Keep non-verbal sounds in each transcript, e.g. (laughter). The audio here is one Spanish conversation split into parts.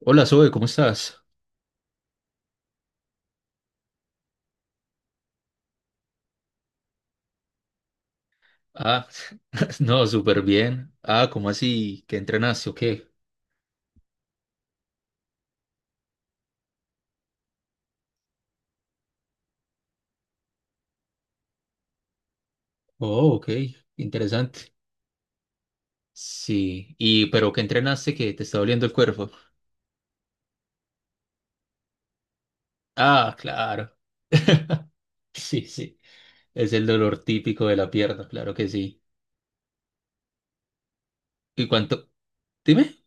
Hola Zoe, ¿cómo estás? Ah, (laughs) no, súper bien. Ah, ¿cómo así? ¿Qué entrenaste o qué? Oh, ok, interesante. Sí, y pero ¿qué entrenaste que te está doliendo el cuerpo? Ah, claro. (laughs) Sí, sí, es el dolor típico de la pierna, claro que sí. ¿Y cuánto? Dime.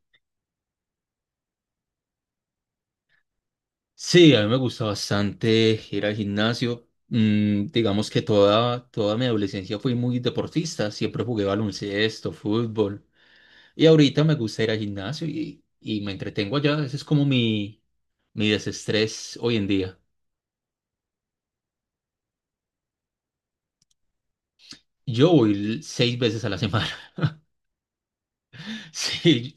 Sí, a mí me gusta bastante ir al gimnasio. Digamos que toda mi adolescencia fui muy deportista, siempre jugué baloncesto, fútbol. Y ahorita me gusta ir al gimnasio y me entretengo allá. Ese es como mi desestrés hoy en día. Yo voy seis veces a la semana. (laughs) Sí,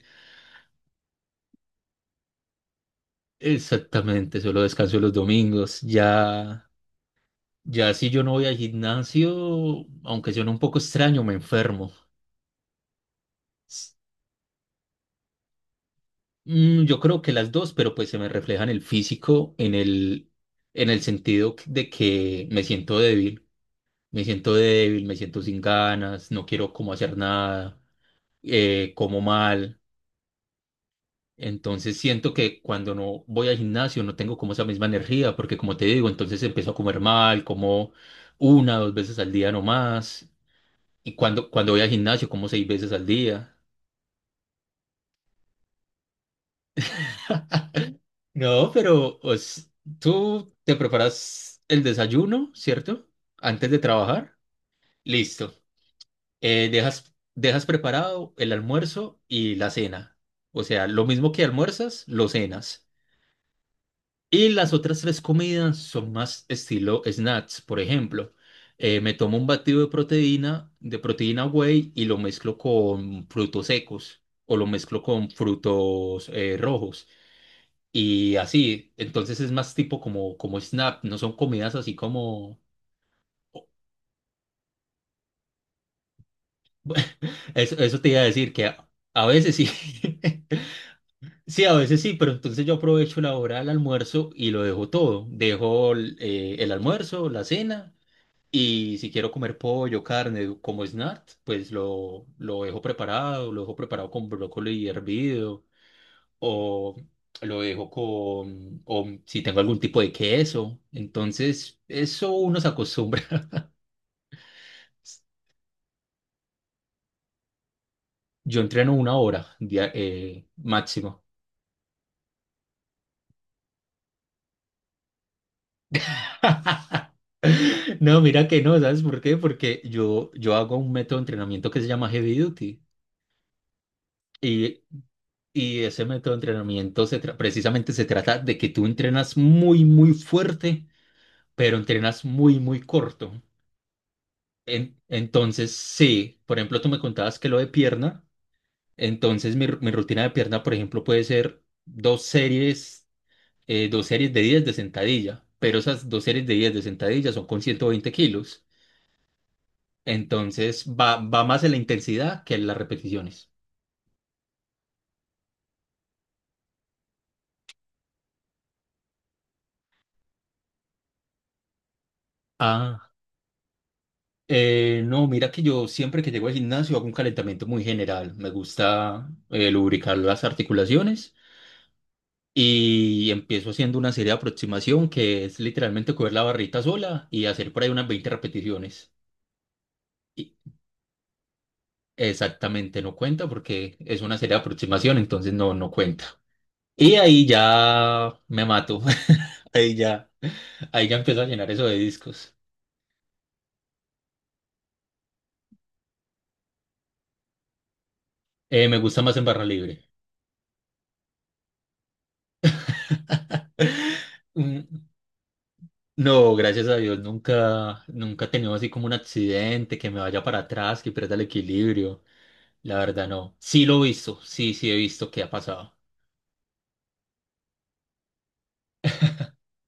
exactamente. Solo descanso los domingos. Ya, ya si yo no voy al gimnasio, aunque suene un poco extraño, me enfermo. S- yo creo que las dos, pero pues se me refleja en el físico, en el sentido de que me siento débil. Me siento débil, me siento sin ganas, no quiero como hacer nada. Como mal. Entonces siento que cuando no voy al gimnasio no tengo como esa misma energía, porque como te digo, entonces empiezo a comer mal, como una, dos veces al día no más. Y cuando voy al gimnasio, como seis veces al día. No, pero pues, tú te preparas el desayuno, ¿cierto? Antes de trabajar. Listo. Dejas preparado el almuerzo y la cena. O sea, lo mismo que almuerzas, lo cenas. Y las otras tres comidas son más estilo snacks. Por ejemplo, me tomo un batido de proteína, whey y lo mezclo con frutos secos o lo mezclo con frutos rojos. Y así, entonces es más tipo como snack, no son comidas así como. Eso te iba a decir que a veces sí, (laughs) sí, a veces sí, pero entonces yo aprovecho la hora del almuerzo y lo dejo todo. Dejo el almuerzo, la cena. Y si quiero comer pollo, carne, como snack, pues lo dejo preparado con brócoli hervido, o lo dejo con, o si tengo algún tipo de queso. Entonces, eso uno se acostumbra. (laughs) Yo entreno una hora máximo. (laughs) No, mira que no, ¿sabes por qué? Porque yo hago un método de entrenamiento que se llama Heavy Duty. y Y ese método de entrenamiento precisamente se trata de que tú entrenas muy, muy fuerte, pero entrenas muy, muy corto. Entonces, sí, por ejemplo, tú me contabas que lo de pierna, entonces mi rutina de pierna, por ejemplo, puede ser dos series de 10 de sentadilla, pero esas dos series de 10 de sentadilla son con 120 kilos. Entonces, va más en la intensidad que en las repeticiones. ah no, mira que yo siempre que llego al gimnasio hago un calentamiento muy general. Me gusta lubricar las articulaciones y empiezo haciendo una serie de aproximación que es literalmente coger la barrita sola y hacer por ahí unas 20 repeticiones. Y exactamente no cuenta porque es una serie de aproximación, entonces no cuenta. Y ahí ya me mato. (laughs) Ahí ya, Ahí ya empiezo a llenar eso de discos. Me gusta más en barra libre. (laughs) Mm, No, gracias a Dios, nunca, nunca he tenido así como un accidente, que me vaya para atrás, que pierda el equilibrio. La verdad, no. Sí lo he visto, sí he visto que ha pasado.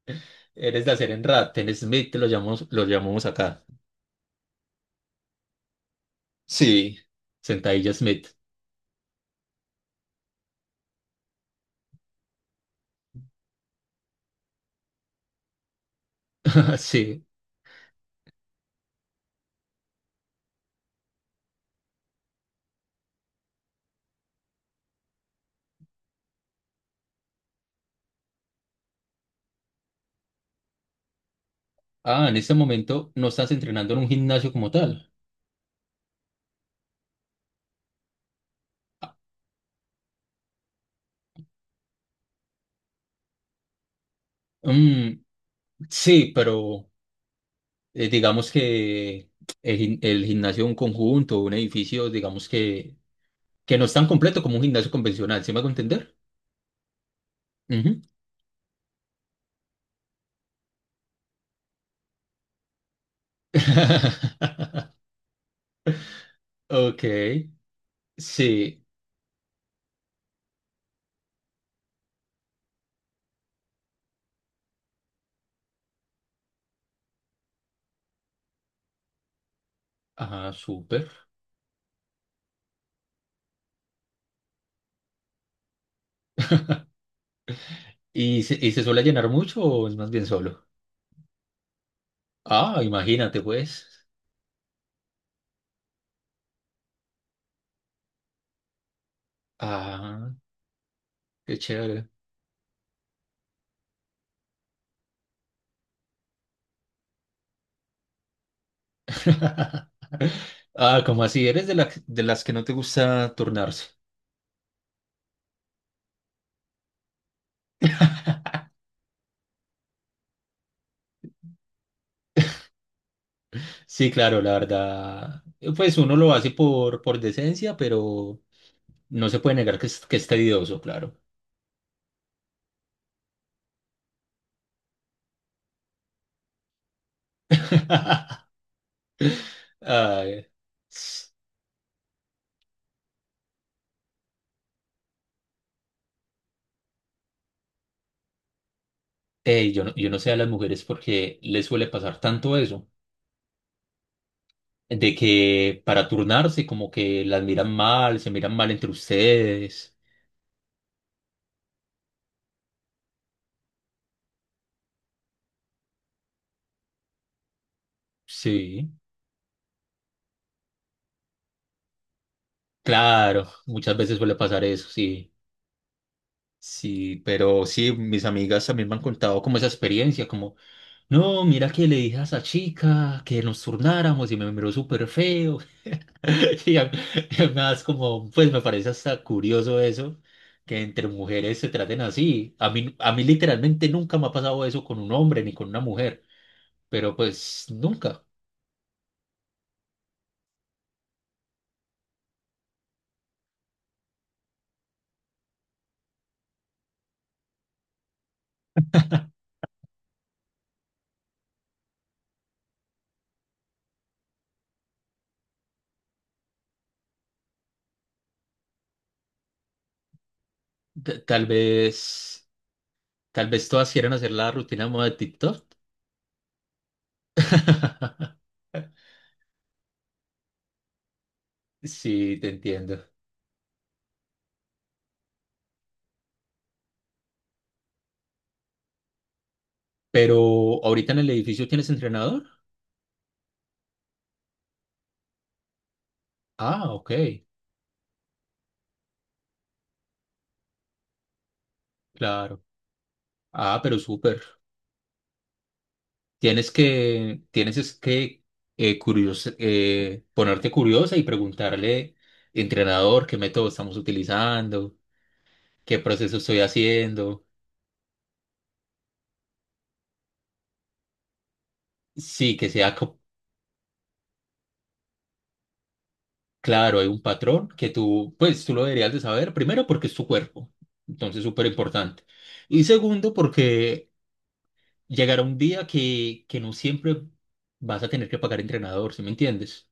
(laughs) Eres de hacer en Smith, lo llamamos acá. Sí, sentadilla Smith. (laughs) Sí. Ah, en este momento no estás entrenando en un gimnasio como tal. Ah, Mm, sí, pero digamos que el gimnasio de un conjunto, un edificio, digamos que no es tan completo como un gimnasio convencional, ¿sí me hago entender? Ujú. (laughs) Ok, sí, ajá súper. ¿Y se suele llenar mucho o es más bien solo? Ah, imagínate pues. Ah, qué chévere. (laughs) Ah, como así, eres de las que no te gusta turnarse. Sí, claro, la verdad, pues uno lo hace por decencia, pero no se puede negar que es tedioso, claro. (laughs) Ay, yo no sé a las mujeres porque les suele pasar tanto eso, de que para turnarse como que las miran mal, se miran mal entre ustedes. Sí, claro, muchas veces suele pasar eso, sí. Sí, pero sí, mis amigas también me han contado como esa experiencia, como, no, mira que le dije a esa chica que nos turnáramos y me miró súper feo. (laughs) Y a- y además, como, pues me parece hasta curioso eso, que entre mujeres se traten así. A mí literalmente nunca me ha pasado eso con un hombre ni con una mujer, pero pues nunca. Ta- Tal vez, Tal vez todas quieran hacer la rutina de moda de TikTok. Sí, te entiendo. Pero ahorita en el edificio tienes entrenador. Ah, ok, claro. Ah, pero súper. Tienes es que ponerte curiosa y preguntarle, entrenador, qué método estamos utilizando, qué proceso estoy haciendo. Sí, que sea co- claro, hay un patrón que tú, pues tú lo deberías de saber, primero porque es tu cuerpo, entonces súper importante. Y segundo porque llegará un día que no siempre vas a tener que pagar entrenador, ¿sí me entiendes?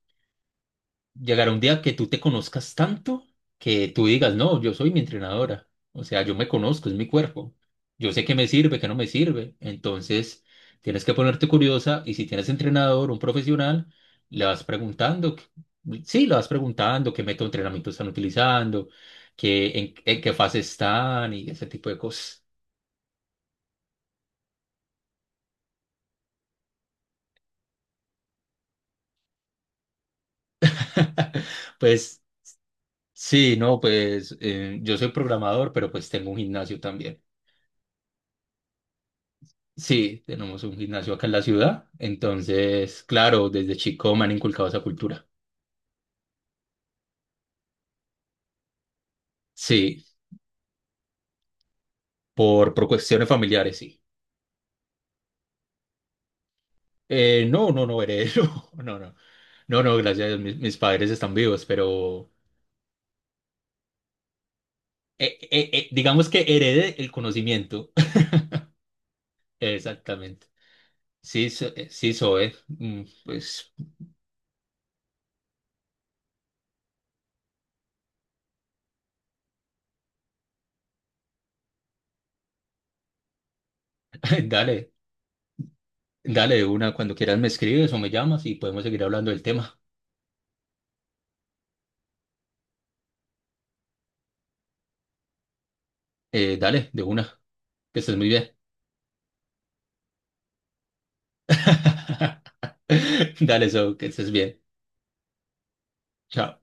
Llegará un día que tú te conozcas tanto que tú digas, no, yo soy mi entrenadora. O sea, yo me conozco, es mi cuerpo. Yo sé qué me sirve, qué no me sirve. Entonces, tienes que ponerte curiosa y si tienes entrenador, un profesional, le vas preguntando, que- sí, le vas preguntando qué método de entrenamiento están utilizando, qué, en, qué fase están y ese tipo de cosas. (laughs) Pues sí, no, pues yo soy programador, pero pues tengo un gimnasio también. Sí, tenemos un gimnasio acá en la ciudad, entonces, claro, desde chico me han inculcado esa cultura. Sí, por cuestiones familiares, sí. No, no, no, heredero, (laughs) no, no, no, no, gracias a Dios, mis padres están vivos, pero digamos que herede el conocimiento. (laughs) Exactamente. Sí, sí, Zoe, pues (laughs) dale, dale de una, cuando quieras me escribes o me llamas y podemos seguir hablando del tema. Dale, de una, que estés muy bien. (laughs) Dale, eso, que estés bien. Chao.